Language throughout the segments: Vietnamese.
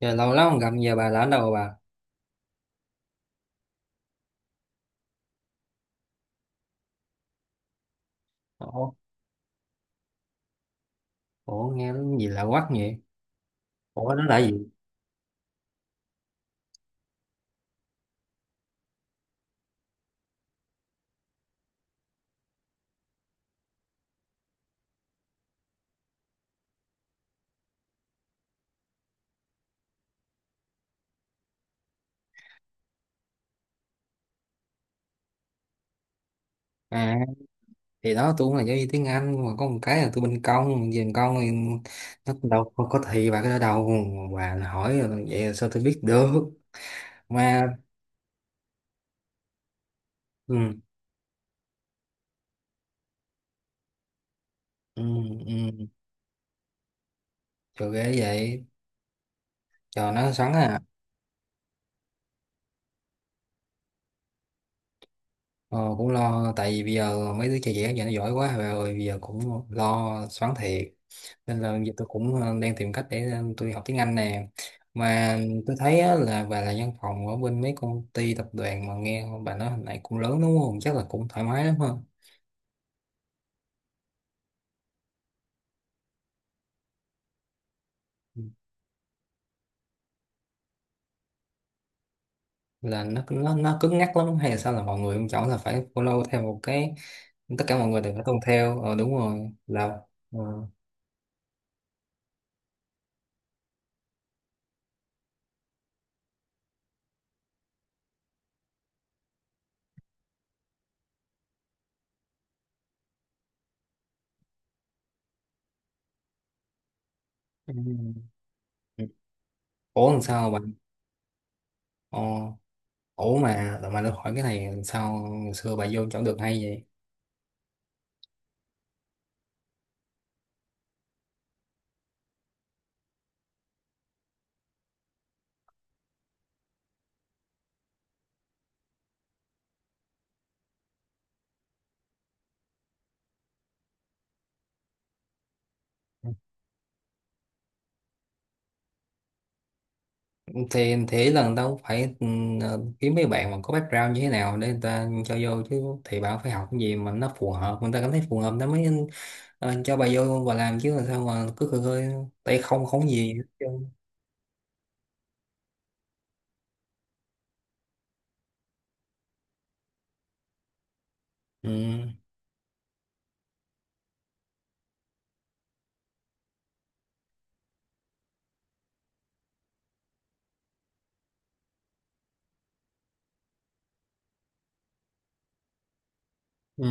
Giờ lâu lắm không gặp, giờ bà là ở đâu bà? Ủa, ủa nghe nó gì lạ quắc vậy? Ủa nó là gì? À thì đó, tôi cũng là giáo viên tiếng Anh, mà có một cái là tôi bên công, về bên công thì nó đâu có thị bà cái đó đâu. Bà là hỏi rồi, vậy là sao tôi biết được mà? Ừ ừ ừ, trời ghê vậy, trời nó xoắn à. Ờ, cũng lo tại vì bây giờ mấy đứa trẻ trẻ giờ nó giỏi quá bà ơi, bây giờ cũng lo xoắn thiệt. Nên là bây giờ tôi cũng đang tìm cách để tôi học tiếng Anh nè. Mà tôi thấy á, là bà là văn phòng ở bên mấy công ty tập đoàn, mà nghe bà nói hồi nãy cũng lớn đúng không, chắc là cũng thoải mái lắm ha. Là nó cứng nhắc lắm hay là sao, là mọi người không chọn, là phải follow theo một cái, tất cả mọi người đều phải tuân theo, đúng rồi là ờ. Ừ. Ủa làm sao bạn ờ Ủa, mà được hỏi cái này, sao xưa bà vô chẳng được hay vậy? Thì thế là người ta cũng phải kiếm mấy bạn mà có background như thế nào để người ta cho vô chứ, thì bà cũng phải học cái gì mà nó phù hợp, người ta cảm thấy phù hợp nó mới cho bà vô và làm chứ, là sao mà cứ khơi khơi tay không, không gì hết trơn. Ừ ừ,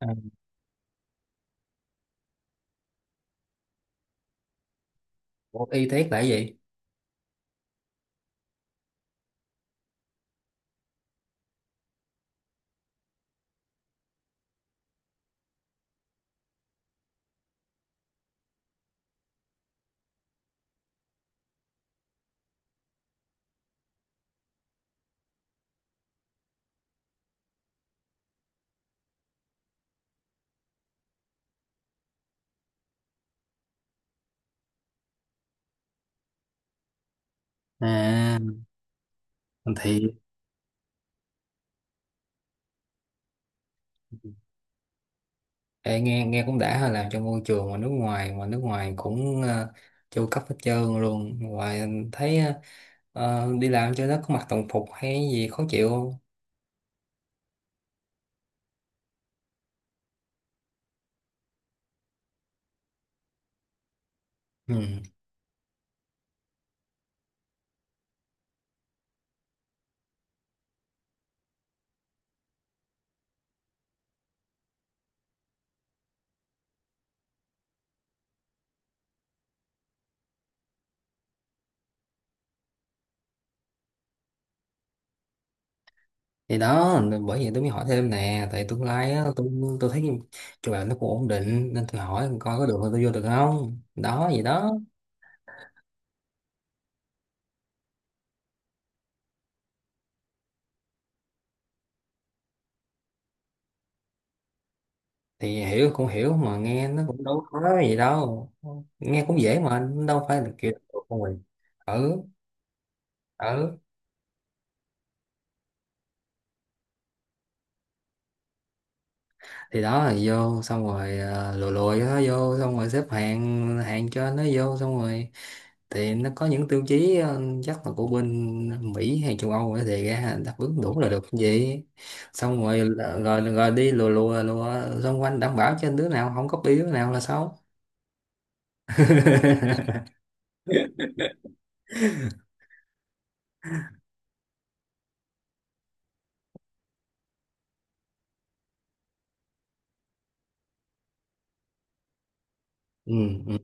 à, bộ y tế là cái gì? À thì, ê, nghe nghe cũng đã ha, làm trong môi trường mà nước ngoài, mà nước ngoài cũng chu cấp hết trơn luôn. Ngoài anh thấy đi làm cho nó có mặc đồng phục hay gì khó chịu không? Ừ. Thì đó, bởi vậy tôi mới hỏi thêm nè, tại tương lai á, tôi thấy chỗ làm nó cũng ổn định, nên tôi hỏi coi có được là tôi vô được không đó gì đó. Thì hiểu cũng hiểu, mà nghe nó cũng đâu có gì đâu, nghe cũng dễ mà đâu phải là kiểu. Ừ ừ, thì đó là vô xong rồi lùi lùi nó vô xong rồi xếp hàng hàng cho nó vô xong rồi, thì nó có những tiêu chí chắc là của bên Mỹ hay châu Âu á, thì ra đáp ứng đủ là được cái gì. Xong rồi rồi rồi, đi lùa lùa lùa xung quanh, đảm bảo cho đứa nào không copy đứa nào là xấu. Ừ, ừ.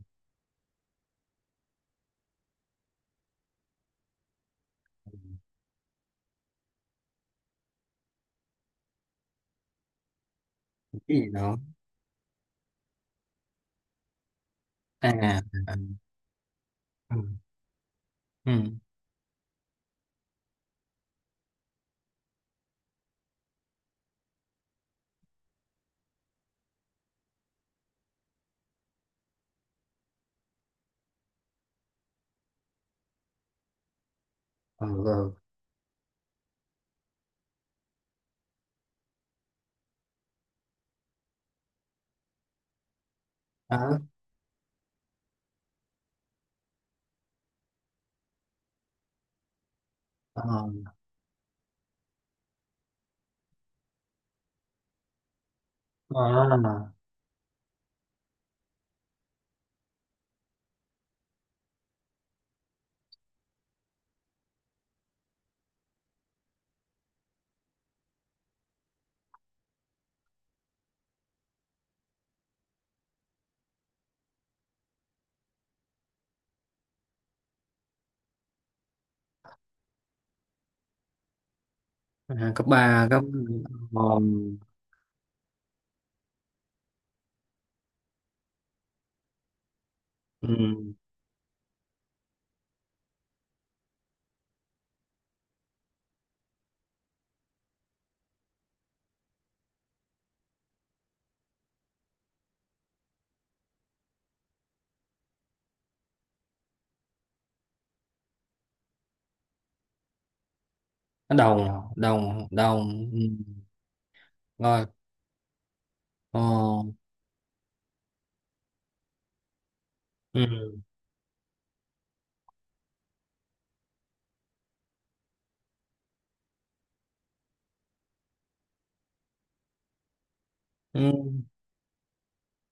Cái gì đó? À à, à, ừ ừ ừ ừ. Đó. Ờ, ờ, à, cấp ba, cấp ừ. Ừ, đồng đồng đồng ừ. Rồi ờ, ừ. Ừ.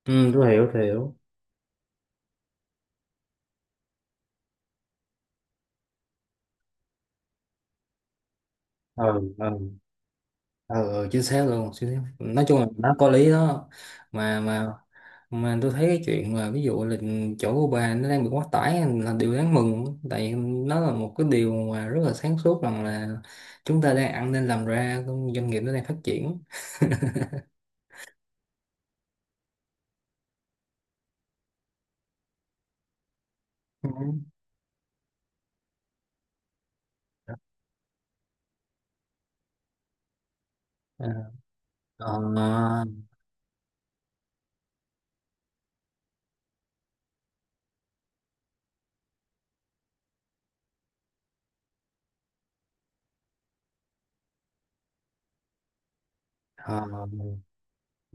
Ừ, tôi hiểu tôi hiểu. Ừ ừ ừ ừ, chính xác luôn, chính xác. Nói chung là nó có lý đó. Mà mà mà tôi thấy cái chuyện mà ví dụ là chỗ của bà nó đang bị quá tải là điều đáng mừng, tại nó là một cái điều mà rất là sáng suốt, rằng là chúng ta đang ăn nên làm ra, doanh nghiệp nó đang phát triển. Ừ. Ờ, ờ, ờ,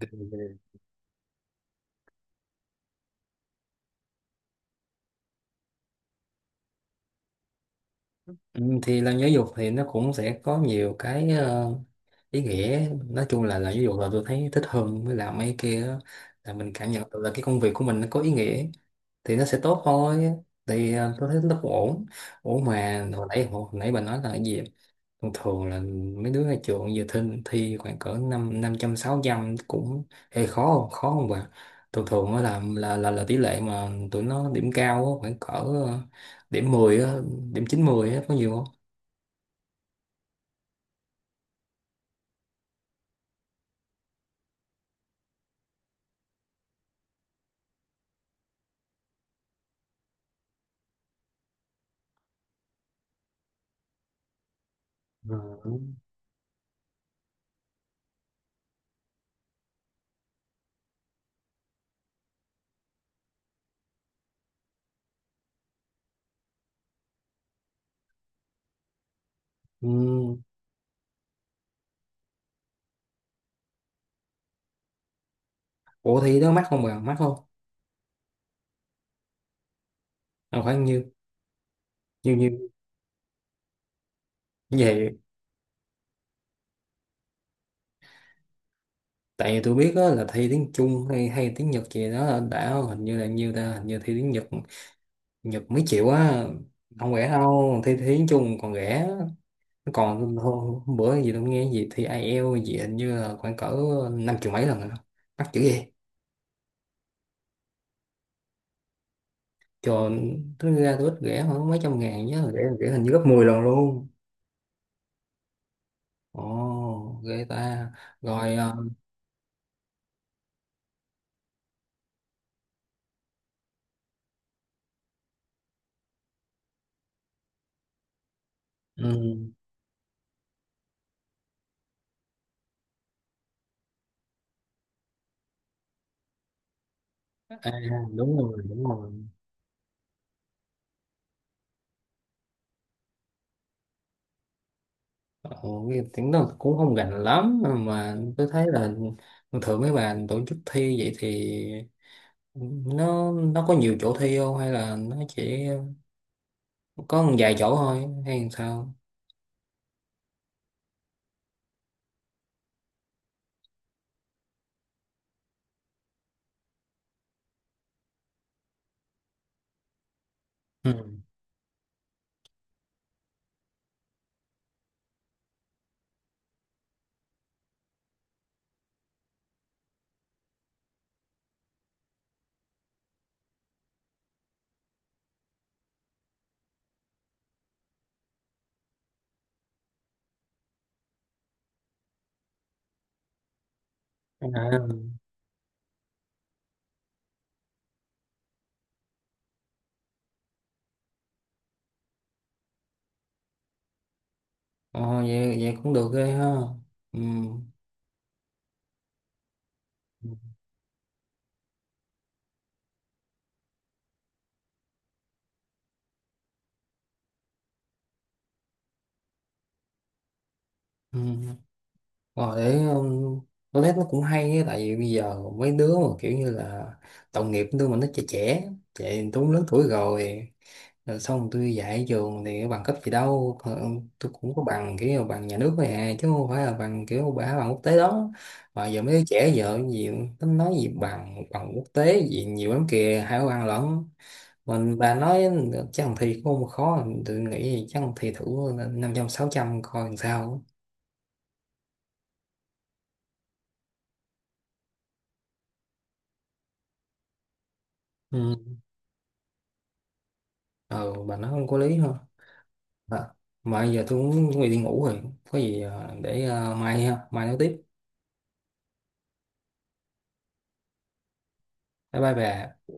ok, ok. Ừ, thì làm giáo dục thì nó cũng sẽ có nhiều cái ý nghĩa, nói chung là làm giáo dục là tôi thấy thích hơn với làm mấy kia á. Là mình cảm nhận được là cái công việc của mình nó có ý nghĩa thì nó sẽ tốt thôi. Thì tôi thấy nó cũng ổn. Ổn, mà hồi nãy bà nói là cái gì, thường thường là mấy đứa ra trường giờ thi, thi khoảng cỡ năm năm trăm sáu trăm cũng hơi khó không, khó không bà? Thường thường á, là tỷ lệ mà tụi nó điểm cao á, khoảng cỡ điểm 10 á, điểm 90 á có nhiều. Ờ. Ừ. Ủa thi đó mắc không bà? Mắc không? À, khoảng nhiêu? Nhiêu nhiêu? Vậy, tại vì tôi biết đó là thi tiếng Trung hay hay tiếng Nhật gì đó là đã, hình như là nhiêu ta, hình như thi tiếng Nhật, Nhật mấy triệu á, không rẻ đâu. Thi, thi tiếng Trung còn rẻ. Còn hôm bữa gì tôi nghe gì thi IELTS gì, hình như là khoảng cỡ năm triệu mấy lần rồi đó. Mắc chữ gì cho. Tính ra tôi ít rẻ hơn mấy trăm ngàn, nhớ rẻ rẻ hình như gấp 10 lần luôn. Ồ ghê ta. Rồi ừ. À, đúng rồi đúng rồi. Ồ, cái tiếng đó cũng không gành lắm mà, tôi thấy là thường mấy bạn tổ chức thi vậy thì nó có nhiều chỗ thi không, hay là nó chỉ có một vài chỗ thôi hay làm sao? Ừ. À, ờ, vậy, vậy cũng được ghê ha. Ừ. Ừ. Rồi để tôi thấy nó cũng hay á, tại vì bây giờ mấy đứa mà kiểu như là tội nghiệp đứa mà nó trẻ trẻ trẻ. Tôi cũng lớn tuổi rồi, rồi xong tôi dạy ở trường thì bằng cấp gì đâu. Ờ, tôi cũng có bằng kiểu bằng nhà nước thôi à, chứ không phải là bằng kiểu bằng quốc tế đó. Mà giờ mấy đứa trẻ giờ gì tính nói gì bằng bằng quốc tế gì nhiều lắm kìa, hai cái bằng lẫn mình bà nói. Chắc thằng thi cũng không khó, tôi nghĩ chắc thằng thi thử năm trăm sáu trăm coi làm sao. Ừ. ờ bà nói không có lý thôi. À, mà giờ tôi cũng chuẩn bị đi ngủ rồi, có gì để mai ha, mai nói tiếp. Bye bye bà.